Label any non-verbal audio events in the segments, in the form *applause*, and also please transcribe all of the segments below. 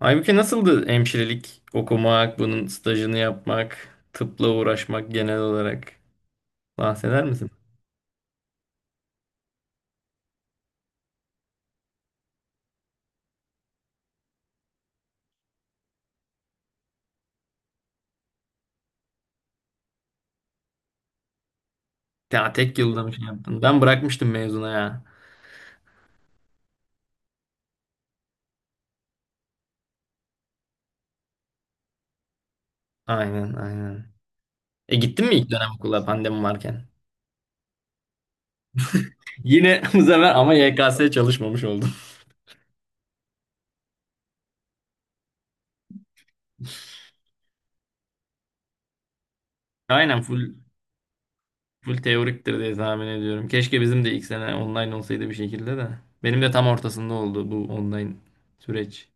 Aybüke nasıldı hemşirelik okumak, bunun stajını yapmak, tıpla uğraşmak genel olarak bahseder misin? Ya tek yılda bir şey yaptın. Ben bırakmıştım mezuna ya. Aynen, aynen. E gittin mi ilk dönem okula pandemi varken? Yine *laughs* bu sefer ama YKS çalışmamış oldum. Aynen, full teoriktir diye tahmin ediyorum. Keşke bizim de ilk sene online olsaydı bir şekilde de. Benim de tam ortasında oldu bu online süreç.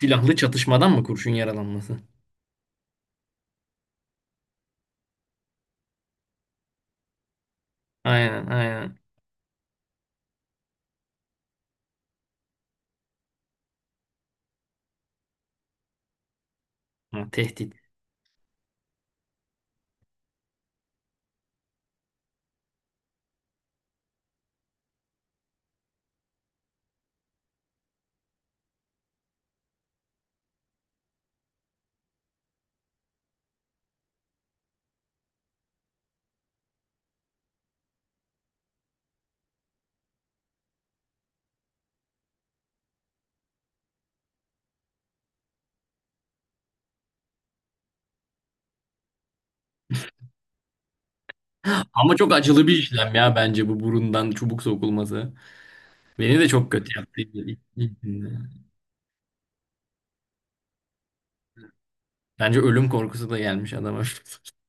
Silahlı çatışmadan mı kurşun yaralanması? Aynen, aynen. Ha, tehdit. Ama çok acılı bir işlem ya, bence bu burundan çubuk sokulması. Beni de çok kötü yaptı ilkinde. Bence ölüm korkusu da gelmiş adama. *laughs*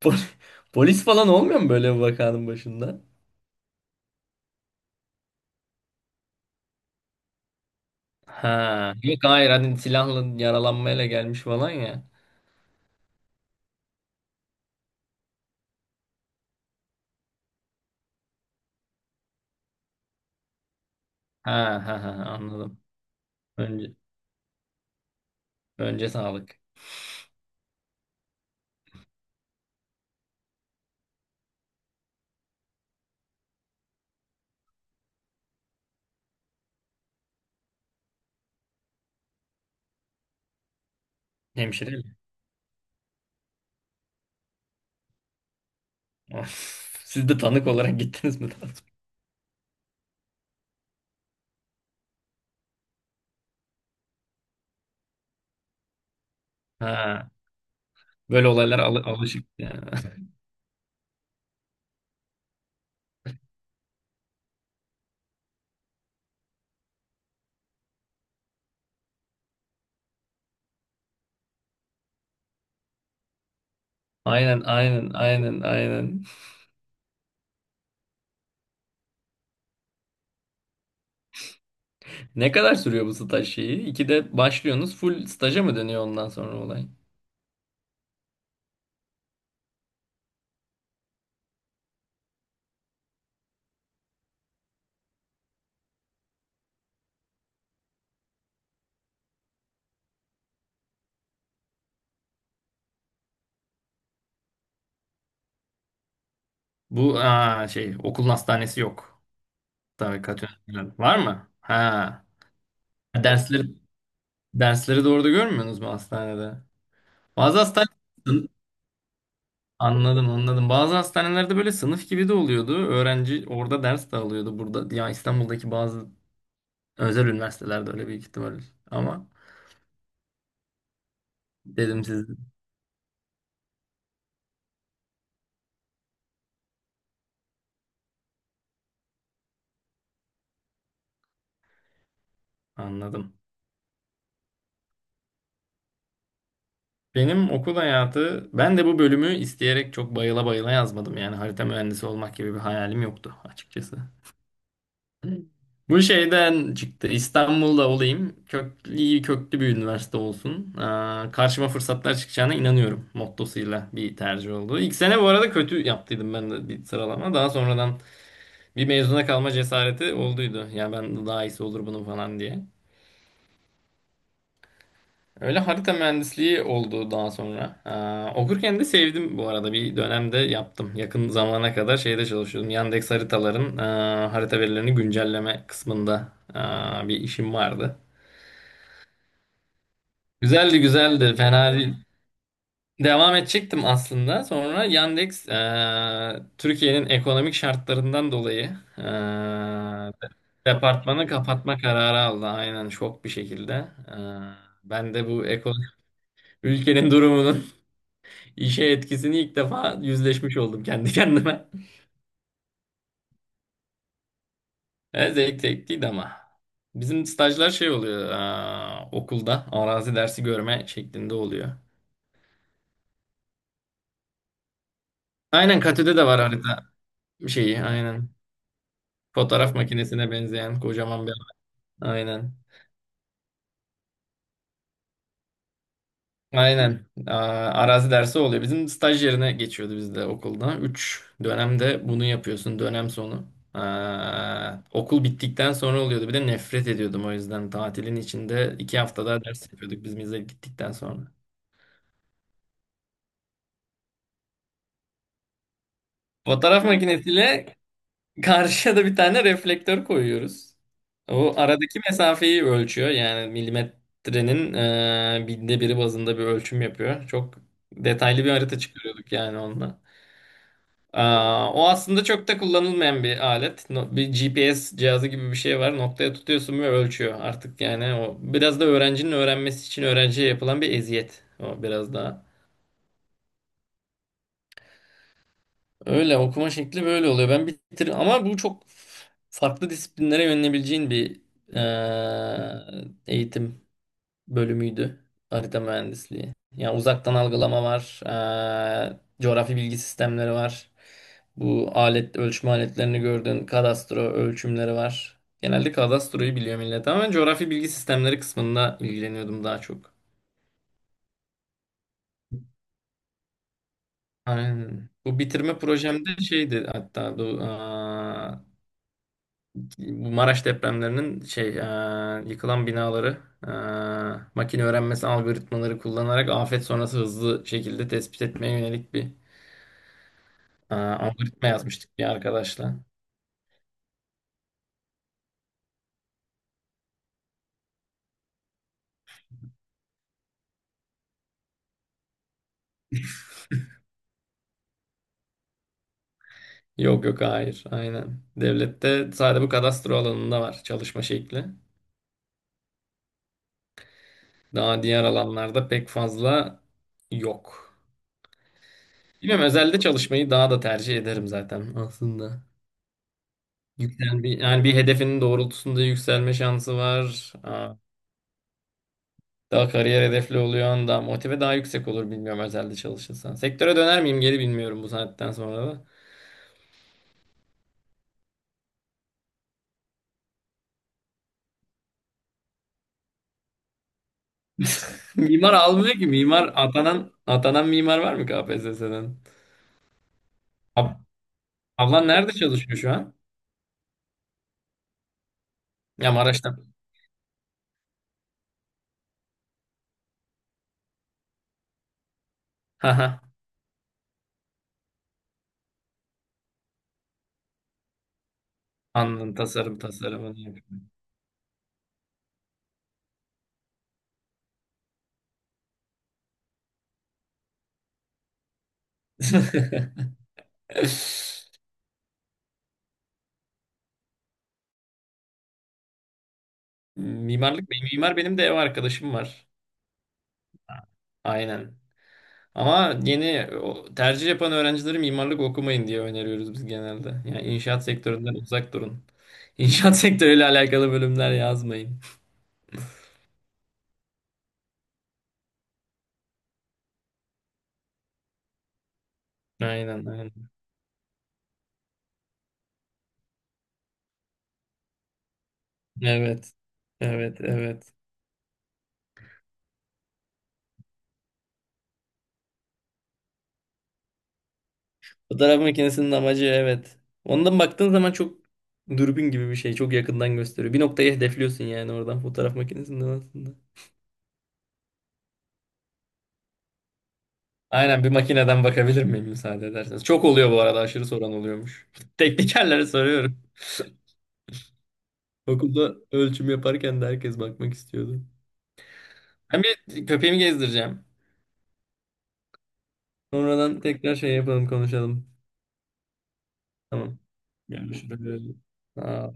Pol- Polis falan olmuyor mu böyle bir vakanın başında? Ha, yok, hayır, hani silahla yaralanmayla gelmiş falan ya. Ha ha ha, anladım. Önce önce sağlık. Hemşire mi? *laughs* Siz de tanık olarak gittiniz mi daha sonra? Ha, böyle olaylara alışık yani. *laughs* Aynen, aynen, aynen, aynen. Ne kadar sürüyor bu staj şeyi? İkide başlıyorsunuz. Full staja mı dönüyor ondan sonra olay? Bu şey, okulun hastanesi yok. Tabii, Katı var mı? Ha. Dersleri dersleri doğru da görmüyorsunuz mu hastanede? Bazı hastane Anladım, anladım. Bazı hastanelerde böyle sınıf gibi de oluyordu. Öğrenci orada ders de alıyordu burada. Ya İstanbul'daki bazı özel üniversitelerde öyle büyük ihtimal. Ama dedim siz anladım. Benim okul hayatı, ben de bu bölümü isteyerek çok bayıla bayıla yazmadım. Yani harita mühendisi olmak gibi bir hayalim yoktu açıkçası. Bu şeyden çıktı. İstanbul'da olayım. Köklü, iyi, köklü bir üniversite olsun. Karşıma fırsatlar çıkacağına inanıyorum mottosuyla bir tercih oldu. İlk sene bu arada kötü yaptıydım ben de bir sıralama. Daha sonradan bir mezuna kalma cesareti olduydu. Ya ben daha iyisi olur bunun falan diye. Öyle harita mühendisliği oldu daha sonra. Okurken de sevdim bu arada. Bir dönemde yaptım. Yakın zamana kadar şeyde çalışıyordum. Yandex haritaların harita verilerini güncelleme kısmında bir işim vardı. Güzeldi, güzeldi. Fena değil. Devam edecektim aslında. Sonra Yandex, Türkiye'nin ekonomik şartlarından dolayı aa, departmanı kapatma kararı aldı. Aynen, şok bir şekilde. Aa, Ben de bu ekonomik ülkenin durumunu *laughs* İşe etkisini ilk defa yüzleşmiş oldum kendi kendime. *laughs* E, zevkliydi ama. Bizim stajlar şey oluyor, okulda arazi dersi görme şeklinde oluyor. Aynen, Katü'de de var harita şeyi, aynen. Fotoğraf makinesine benzeyen kocaman bir, aynen. Aynen. Arazi dersi oluyor. Bizim staj yerine geçiyordu bizde okulda. Üç dönemde bunu yapıyorsun, dönem sonu. Okul bittikten sonra oluyordu. Bir de nefret ediyordum o yüzden. Tatilin içinde iki hafta daha ders yapıyorduk biz bize gittikten sonra. Fotoğraf makinesiyle karşıya da bir tane reflektör koyuyoruz. O aradaki mesafeyi ölçüyor. Yani milimetrenin binde biri bazında bir ölçüm yapıyor. Çok detaylı bir harita çıkarıyorduk yani onunla. O aslında çok da kullanılmayan bir alet. Bir GPS cihazı gibi bir şey var. Noktaya tutuyorsun ve ölçüyor artık yani. O biraz da öğrencinin öğrenmesi için öğrenciye yapılan bir eziyet. O biraz daha. Öyle, okuma şekli böyle oluyor. Ben bitir ama bu çok farklı disiplinlere yönelebileceğin bir eee, eğitim bölümüydü. Harita mühendisliği. Yani uzaktan algılama var. Coğrafi bilgi sistemleri var. Bu alet, ölçme aletlerini gördüğün kadastro ölçümleri var. Genelde kadastroyu biliyor millet ama ben coğrafi bilgi sistemleri kısmında ilgileniyordum daha çok. Aynen. Bu bitirme projemde şeydi hatta bu, bu Maraş depremlerinin şey, yıkılan binaları, makine öğrenmesi algoritmaları kullanarak afet sonrası hızlı şekilde tespit etmeye yönelik bir, algoritma yazmıştık bir arkadaşla. Yok, yok, hayır, aynen. Devlette sadece bu kadastro alanında var çalışma şekli. Daha diğer alanlarda pek fazla yok. Bilmiyorum, özelde çalışmayı daha da tercih ederim zaten aslında. Yüksel bir, yani bir hedefinin doğrultusunda yükselme şansı var. Daha kariyer hedefli oluyorsun, daha motive, daha yüksek olur bilmiyorum özelde çalışırsan. Sektöre döner miyim geri, bilmiyorum, bu saatten sonra da. *laughs* Mimar almıyor ki. Mimar atanan, mimar var mı KPSS'den? Ab Ablan nerede çalışıyor şu an? Ya Maraş'ta. Haha. Anladım, tasarım, tasarımını yapıyorum. *laughs* Mimarlık, benim mimar, benim de ev arkadaşım var. Aynen. Ama yeni o, tercih yapan öğrencileri mimarlık okumayın diye öneriyoruz biz genelde. Yani inşaat sektöründen uzak durun. İnşaat *laughs* sektörüyle alakalı bölümler yazmayın. Aynen, aynen. Evet. Evet, evet. Fotoğraf makinesinin amacı, evet. Ondan baktığın zaman çok dürbün gibi bir şey. Çok yakından gösteriyor. Bir noktayı hedefliyorsun yani oradan, fotoğraf makinesinden aslında. Aynen, bir makineden bakabilir miyim müsaade ederseniz. Çok oluyor bu arada, aşırı soran oluyormuş. *laughs* Teknikerlere soruyorum. *laughs* Okulda ölçüm yaparken de herkes bakmak istiyordu. Ben bir köpeğimi gezdireceğim. Sonradan tekrar şey yapalım, konuşalım. Tamam. Görüşürüz. Aa,